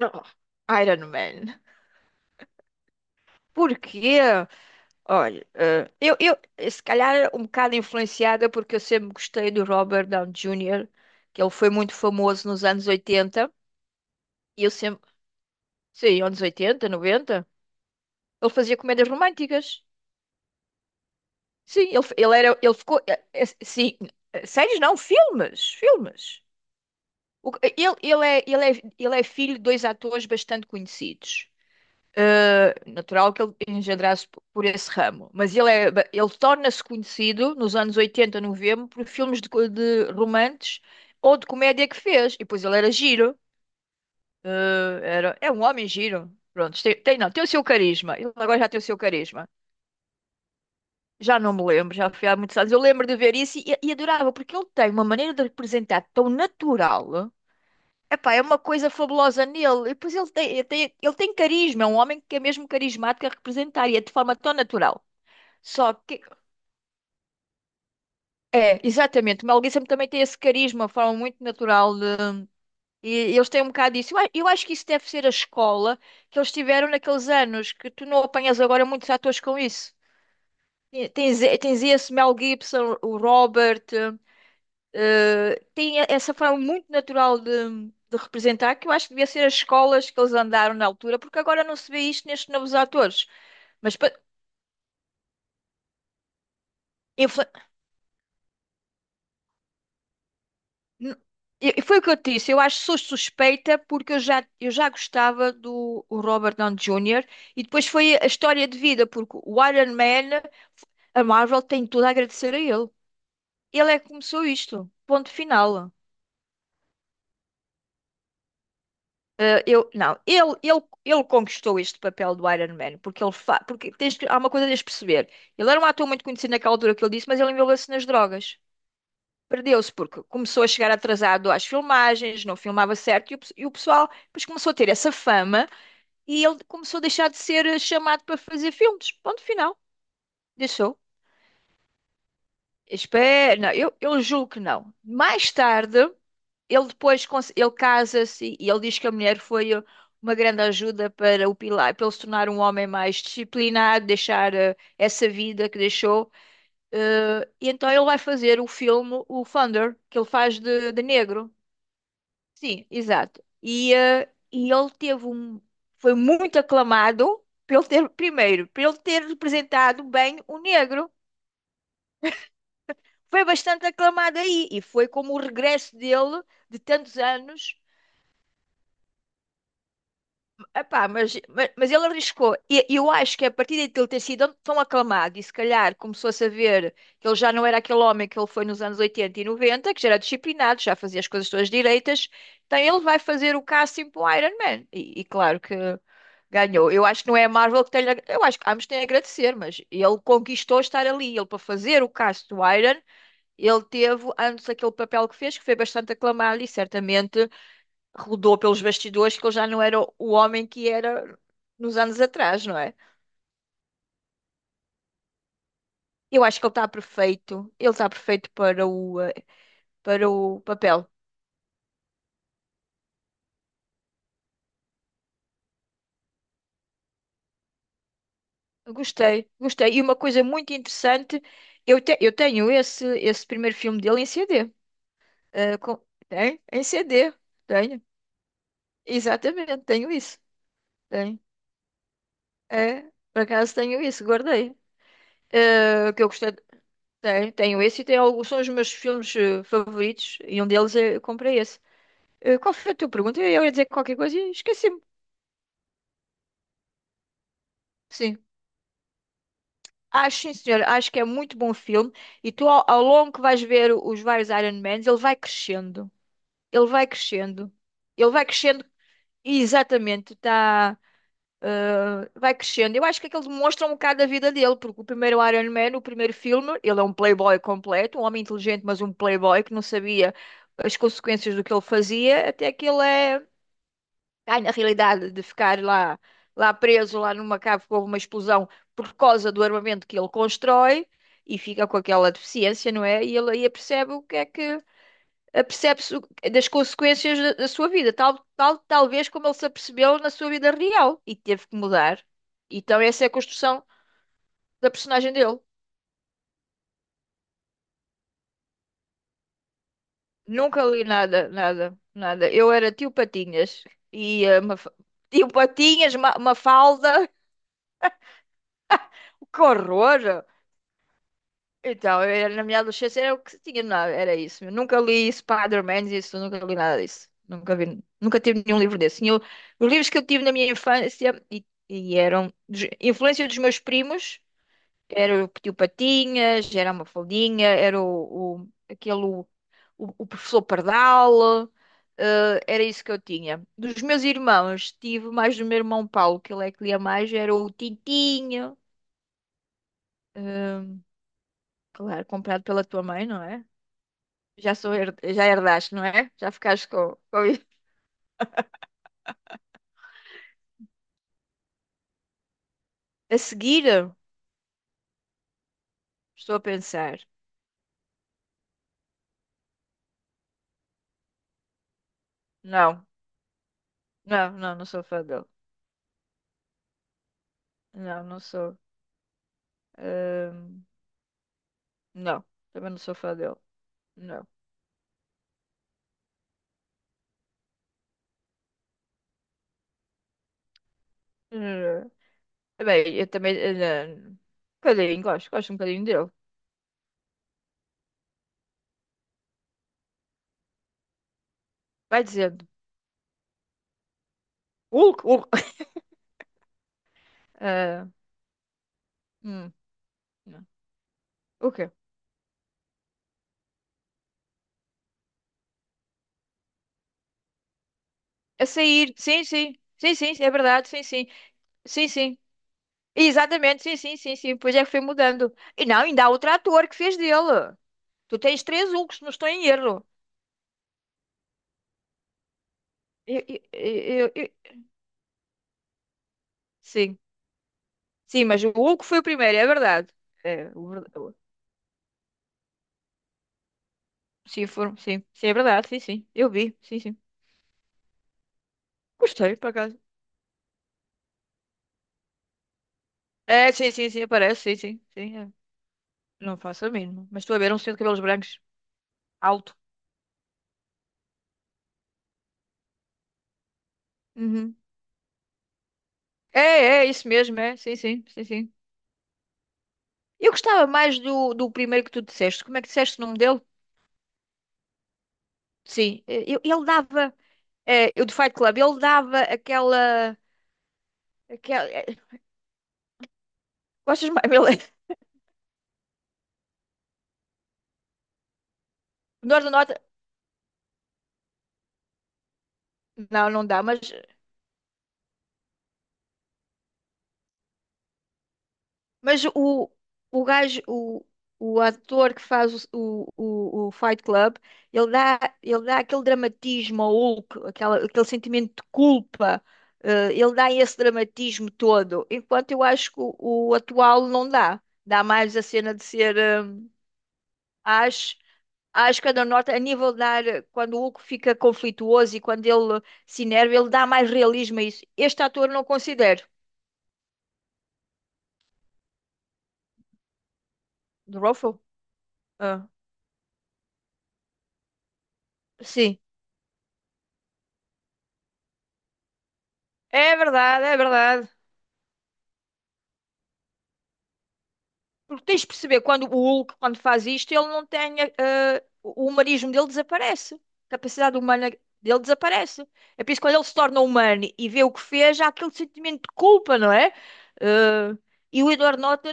Oh, Iron Man. Porquê? Olha, eu se calhar um bocado influenciada porque eu sempre gostei do Robert Downey Jr., que ele foi muito famoso nos anos 80 e eu sempre, sim, anos 80 90. Ele fazia comédias românticas. Sim, ele, f- ele era, ele ficou, sim, séries não, filmes, filmes. Ele é filho de dois atores bastante conhecidos. Natural que ele engendrasse por esse ramo, mas ele torna-se conhecido nos anos 80, 90 por filmes de romances ou de comédia que fez, e depois ele era giro, é um homem giro, pronto, não, tem o seu carisma, ele agora já tem o seu carisma, já não me lembro, já foi há muitos anos, eu lembro de ver isso e adorava, porque ele tem uma maneira de representar tão natural. Epá, é uma coisa fabulosa nele. E depois ele tem carisma, é um homem que é mesmo carismático a representar e é de forma tão natural. Só que. É, exatamente. O Mel Gibson também tem esse carisma, uma forma muito natural de. E eles têm um bocado disso. Eu acho que isso deve ser a escola que eles tiveram naqueles anos, que tu não apanhas agora muitos atores com isso. E tens esse Mel Gibson, o Robert. Tem essa forma muito natural de representar, que eu acho que devia ser as escolas que eles andaram na altura, porque agora não se vê isto nestes novos atores. Mas pa- eu, fa- n- eu- foi o que eu te disse, eu acho que sou suspeita porque eu já gostava do o Robert Downey Jr. e depois foi a história de vida, porque o Iron Man, a Marvel tem tudo a agradecer a ele. Ele é que começou isto, ponto final. Não, ele conquistou este papel do Iron Man. Porque ele fa... porque tens que- Há uma coisa que tens de perceber. Ele era um ator muito conhecido naquela altura que ele disse, mas ele envolveu-se nas drogas. Perdeu-se porque começou a chegar atrasado às filmagens, não filmava certo, e o pessoal depois começou a ter essa fama e ele começou a deixar de ser chamado para fazer filmes. Ponto final. Deixou. Espera, não, eu julgo que não. Mais tarde. Ele depois ele casa-se e ele diz que a mulher foi uma grande ajuda para o Pilar, para ele se tornar um homem mais disciplinado, deixar essa vida que deixou. E então ele vai fazer o filme, o Thunder, que ele faz de negro. Sim, exato. E ele teve um, foi muito aclamado pelo ter, primeiro, pelo ter representado bem o negro. Foi bastante aclamado aí e foi como o regresso dele de tantos anos. Epá, mas ele arriscou. E eu acho que a partir de ele ter sido tão aclamado e se calhar começou a saber que ele já não era aquele homem que ele foi nos anos 80 e 90, que já era disciplinado, já fazia as coisas todas direitas, então ele vai fazer o casting para o Iron Man. E claro que ganhou. Eu acho que não é a Marvel que tem. Eu acho que ambos têm a agradecer, mas ele conquistou estar ali. Ele, para fazer o casting do Iron, ele teve antes aquele papel que fez, que foi bastante aclamado e certamente rodou pelos bastidores que ele já não era o homem que era nos anos atrás, não é? Eu acho que ele está perfeito. Ele está perfeito para o papel. Gostei, gostei. E uma coisa muito interessante, eu tenho esse primeiro filme dele em CD. Eh, com- Tem? Em CD. Tenho. Exatamente, tenho isso. Tenho. É, por acaso tenho isso, guardei. Que eu gostei. Tenho, tenho esse e tenho alguns, são os meus filmes favoritos e um deles é, eu comprei esse. Qual foi a tua pergunta? Eu ia dizer qualquer coisa e esqueci-me. Sim. Acho, sim, senhora. Acho que é muito bom filme. E tu, ao longo que vais ver os vários Iron Mans, ele vai crescendo. Ele vai crescendo. Ele vai crescendo. Exatamente. Tá. Vai crescendo. Eu acho que aquilo demonstra um bocado a vida dele, porque o primeiro Iron Man, o primeiro filme, ele é um playboy completo, um homem inteligente, mas um playboy que não sabia as consequências do que ele fazia, até que ele é. Ai, na realidade, de ficar lá, lá preso, lá numa cave com uma explosão por causa do armamento que ele constrói e fica com aquela deficiência, não é? E ele aí percebe o que é que apercebe-se das consequências da sua vida, talvez como ele se apercebeu na sua vida real e teve que mudar. Então, essa é a construção da personagem dele. Nunca li nada, nada, nada. Eu era tio Patinhas e uma falda, que horror! Então, na minha adolescência era o que tinha, não, era isso. Eu nunca li Spider-Man, isso, nunca li nada disso. Nunca vi, nunca tive nenhum livro desse. Tinha os livros que eu tive na minha infância e eram influência dos meus primos, era o Tio Patinhas, era a Mafaldinha, era o professor Pardal, era isso que eu tinha. Dos meus irmãos, tive mais do meu irmão Paulo, que ele é que lia mais, era o Tintinho, eh, claro, comprado pela tua mãe, não é? Já herdaste, não é? Já ficaste com isso. A seguir, estou a pensar. Não, não, não, não sou fã dele. Não, não sou. Ahm, não, também não sou fã dele. Não. Bem, eu também. Não. Um bocadinho, gosto um bocadinho dele. Vai dizendo. Hulk, Hulk. Ah, hum, não. O quê? A sair, sim, sim. Sim, sim, é verdade, sim, sim. Sim, sim. Exatamente, sim, sim, sim, sim. Pois é que foi mudando. E não, ainda há outro ator que fez dele. Tu tens três Hulks, não estou em erro. Eu- eu- eu- eu- Sim, sim, mas o Hulk foi o primeiro, é verdade. É. Sim, foram, sim, sim, é verdade, sim, sim. Eu vi, sim, sim. Gostei, por acaso. É, sim, sim, sim, aparece, sim, sim, sim. É. Não faço a mínima. Mas estou a ver um senhor de cabelos brancos, alto. Uhum. É, é, isso mesmo, é. Sim, sim, sim, sim. Eu gostava mais do primeiro que tu disseste. Como é que disseste o nome dele? Sim, ele dava. Eu do Fight Club, ele dava aquela. Gostas mais? Norte do Norte. Não, não dá, mas o gajo, o ator que faz o Fight Club, ele dá aquele dramatismo ao Hulk, aquele sentimento de culpa, ele dá esse dramatismo todo, enquanto eu acho que o atual não dá. Dá mais a cena de ser. Eh, acho, acho que a da Norte, a nível de dar, quando o Hulk fica conflituoso e quando ele se enerva, ele dá mais realismo a isso. Este ator não considero. Do Ruffalo? Sim, é verdade, é verdade. Porque tens de perceber, quando o Hulk, quando faz isto, ele não tem. O humanismo dele desaparece. A capacidade humana dele desaparece. É por isso que quando ele se torna humano e vê o que fez, há aquele sentimento de culpa, não é? Eh, e o Edward Norton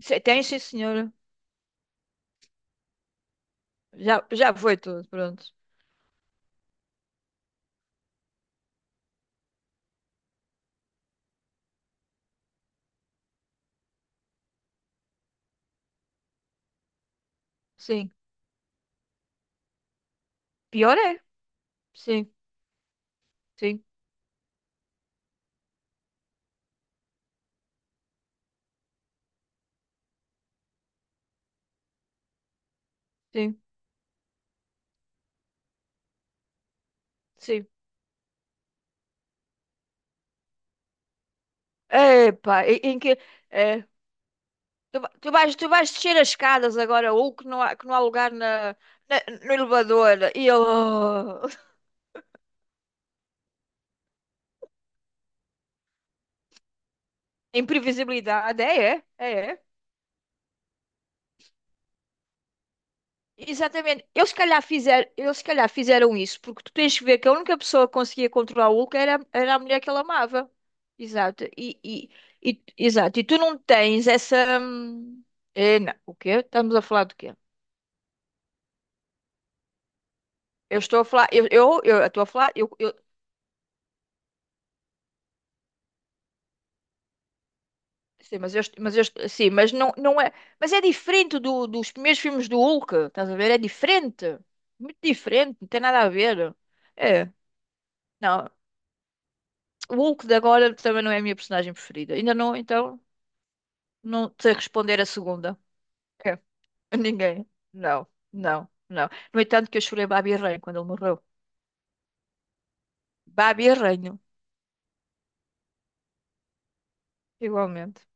tem, sim, senhora. Já foi tudo, pronto. Sim. Pior é. Sim, sim, sim, sim. Epá, em que. eh, tu vais descer as escadas agora, ou que não há lugar no elevador. E eu. Imprevisibilidade. É, é, é, é. Exatamente. Eles se calhar fizeram, eles se calhar fizeram isso, porque tu tens que ver que a única pessoa que conseguia controlar o Hulk era a mulher que ele amava. Exato. E exato. E tu não tens essa. É, não. O quê? Estamos a falar do quê? Eu estou a falar. Eu estou a falar. eu, Sim, mas não, não é. Mas é diferente dos primeiros filmes do Hulk, estás a ver? É diferente. Muito diferente, não tem nada a ver. É. Não, o Hulk de agora também não é a minha personagem preferida. Ainda não, então, não sei responder a segunda. É. Ninguém. Não, não, não. No entanto, que eu chorei Babi Ranho quando ele morreu. Babi Ranho, igualmente.